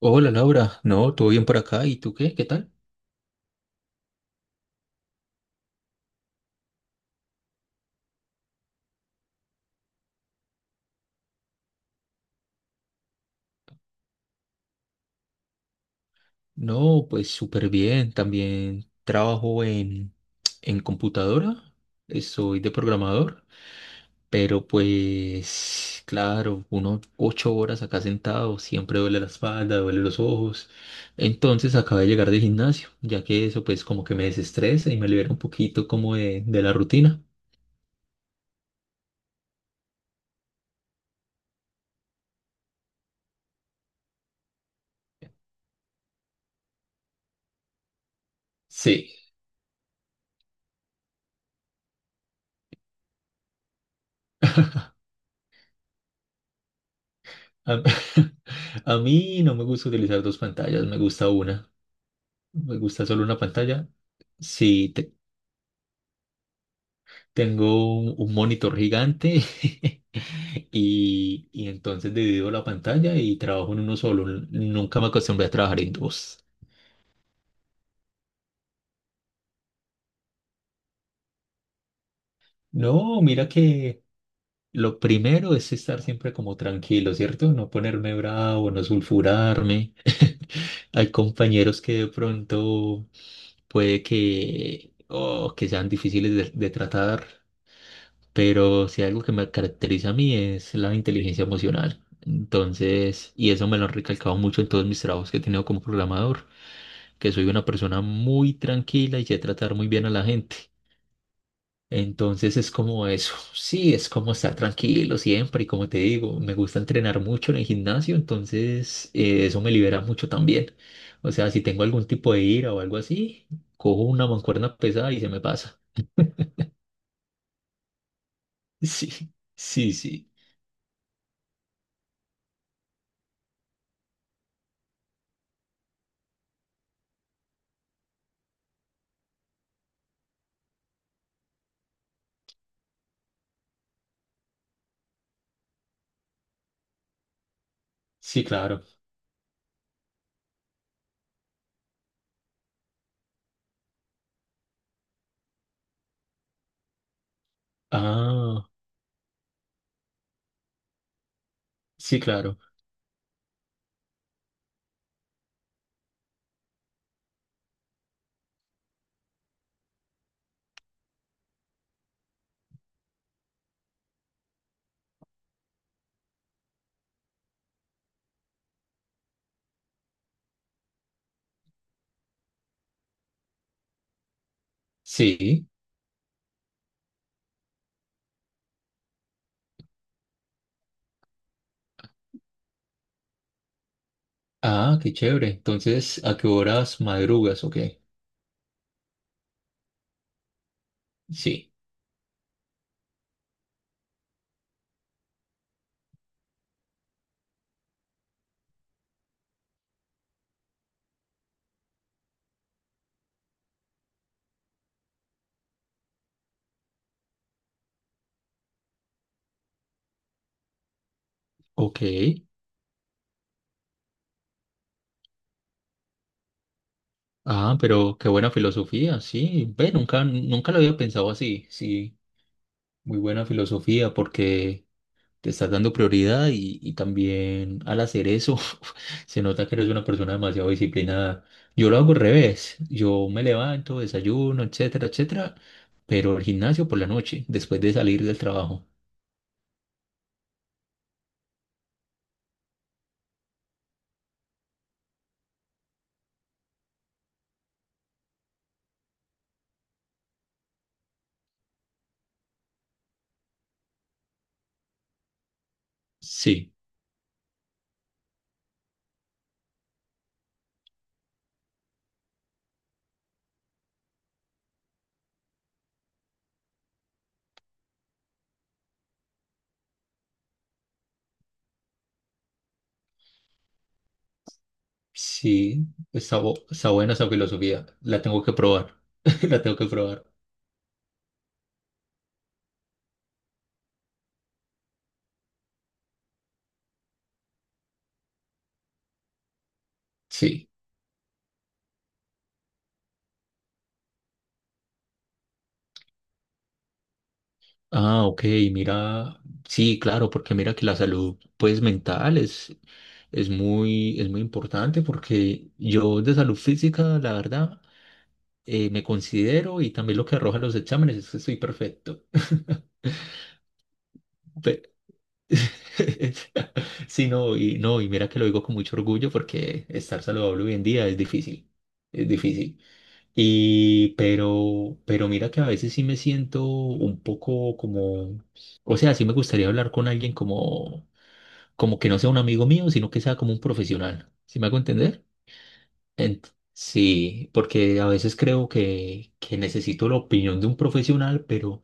Hola Laura, no, todo bien por acá. ¿Y tú qué? ¿Qué tal? No, pues súper bien. También trabajo en computadora. Soy de programador, pero pues claro, uno ocho horas acá sentado, siempre duele la espalda, duele los ojos. Entonces acabé de llegar del gimnasio, ya que eso pues como que me desestresa y me libera un poquito como de la rutina. Sí. A, a mí no me gusta utilizar dos pantallas, me gusta una. Me gusta solo una pantalla. Sí. Tengo un monitor gigante y entonces divido la pantalla y trabajo en uno solo. Nunca me acostumbré a trabajar en dos. No, mira que lo primero es estar siempre como tranquilo, ¿cierto? No ponerme bravo, no sulfurarme. Hay compañeros que de pronto puede que, oh, que sean difíciles de tratar. Pero si algo que me caracteriza a mí es la inteligencia emocional. Entonces, y eso me lo han recalcado mucho en todos mis trabajos que he tenido como programador, que soy una persona muy tranquila y sé tratar muy bien a la gente. Entonces es como eso, sí, es como estar tranquilo siempre y como te digo, me gusta entrenar mucho en el gimnasio, entonces eso me libera mucho también. O sea, si tengo algún tipo de ira o algo así, cojo una mancuerna pesada y se me pasa. Sí, sí, sí, sí, claro. Ah. Sí, claro. Sí. Ah, qué chévere. Entonces, ¿a qué horas madrugas? ¿O qué? Sí. Ok. Ah, pero qué buena filosofía. Sí. Ve, nunca, nunca lo había pensado así. Sí. Muy buena filosofía porque te estás dando prioridad y también al hacer eso se nota que eres una persona demasiado disciplinada. Yo lo hago al revés. Yo me levanto, desayuno, etcétera, etcétera. Pero el gimnasio por la noche, después de salir del trabajo. Sí. Sí, está buena esa filosofía. La tengo que probar. La tengo que probar. Sí. Ah, ok, mira. Sí, claro, porque mira que la salud, pues, mental es muy importante porque yo de salud física, la verdad, me considero, y también lo que arrojan los exámenes es que soy perfecto. Pe- Sí, no, y no, y mira que lo digo con mucho orgullo porque estar saludable hoy en día es difícil. Es difícil. Y, pero mira que a veces sí me siento un poco como, o sea, sí me gustaría hablar con alguien como, como que no sea un amigo mío, sino que sea como un profesional. ¿Sí me hago entender? Sí, porque a veces creo que necesito la opinión de un profesional, pero,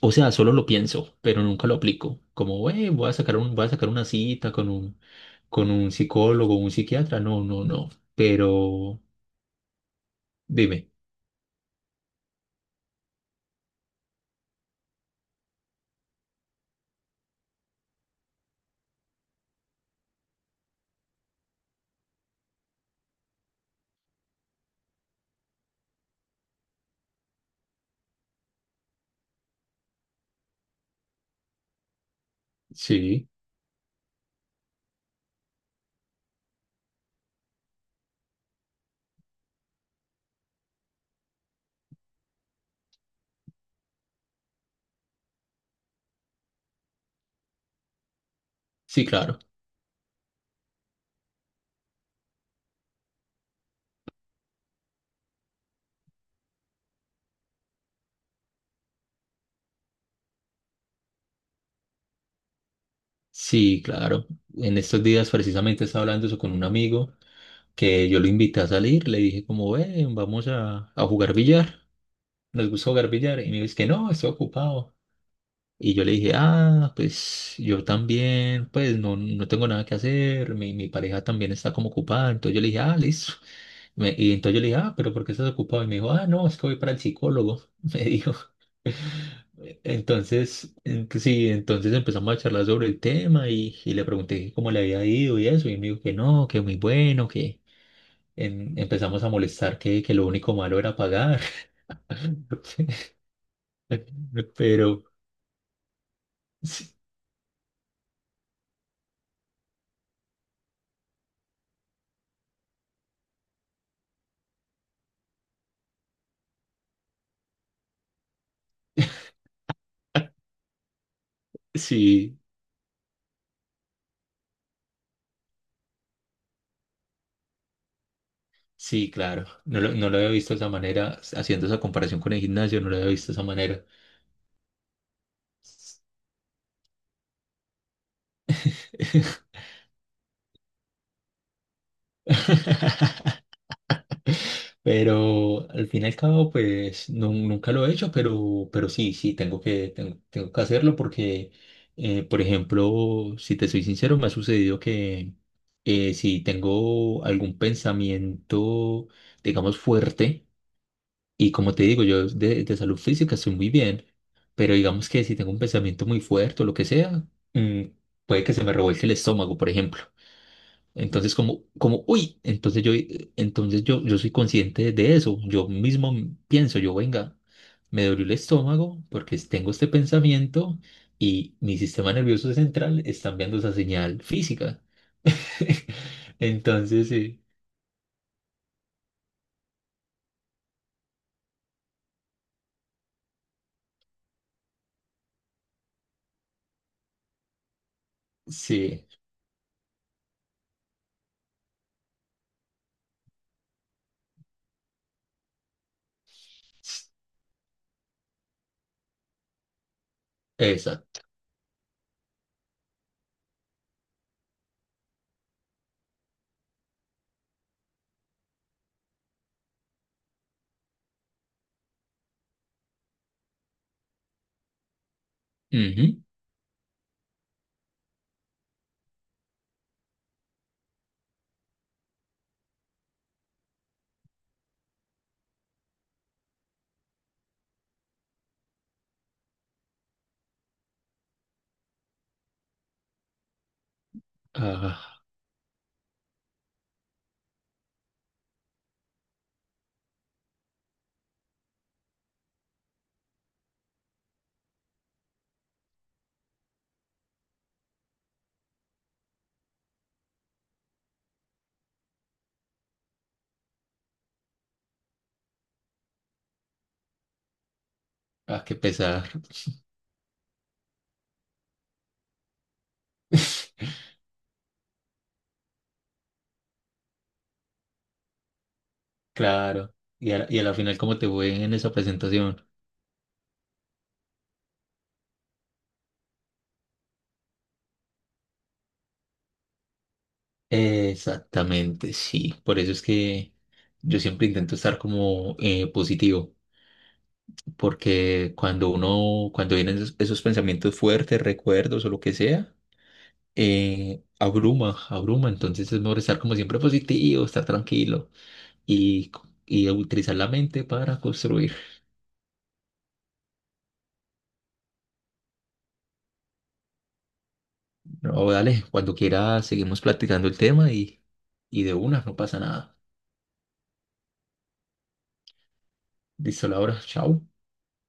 o sea, solo lo pienso, pero nunca lo aplico. Como, voy a sacar un, voy a sacar una cita con un psicólogo, un psiquiatra. No, no, no." Pero, dime. Sí, sí, claro. Sí, claro. En estos días precisamente estaba hablando eso con un amigo, que yo lo invité a salir, le dije como, ven, vamos a jugar billar, nos gusta jugar billar, y me dice que no, estoy ocupado. Y yo le dije, ah, pues yo también, pues no, no tengo nada que hacer, mi pareja también está como ocupada, entonces yo le dije, ah, listo. Y entonces yo le dije, ah, pero ¿por qué estás ocupado? Y me dijo, ah, no, es que voy para el psicólogo, me dijo. Entonces, pues sí, entonces empezamos a charlar sobre el tema y le pregunté que cómo le había ido y eso, y él me dijo que no, que muy bueno, que empezamos a molestar que lo único malo era pagar. Pero sí, sí, sí, claro, no lo había visto de esa manera, haciendo esa comparación con el gimnasio, no lo había visto de esa manera. Pero al fin y al cabo, pues nunca lo he hecho, pero sí, sí, tengo que, tengo, tengo que hacerlo porque, por ejemplo, si te soy sincero, me ha sucedido que si tengo algún pensamiento, digamos, fuerte, y como te digo, yo de salud física estoy muy bien, pero digamos que si tengo un pensamiento muy fuerte o lo que sea, mm, puede que se me revuelque el estómago, por ejemplo. Entonces, como, como, uy, entonces yo soy consciente de eso. Yo mismo pienso, yo, venga, me dolió el estómago porque tengo este pensamiento y mi sistema nervioso central está enviando esa señal física. Entonces, sí, sí, s- esa. Ujú. Ah, ah, qué pesar. Claro. Y a la final, ¿cómo te fue en esa presentación? Exactamente, sí. Por eso es que yo siempre intento estar como positivo, porque cuando uno, cuando vienen esos, esos pensamientos fuertes, recuerdos o lo que sea, abruma, abruma. Entonces es mejor estar como siempre positivo, estar tranquilo y, y utilizar la mente para construir. No, dale, cuando quiera seguimos platicando el tema y de una, no pasa nada. Listo, Laura, chao.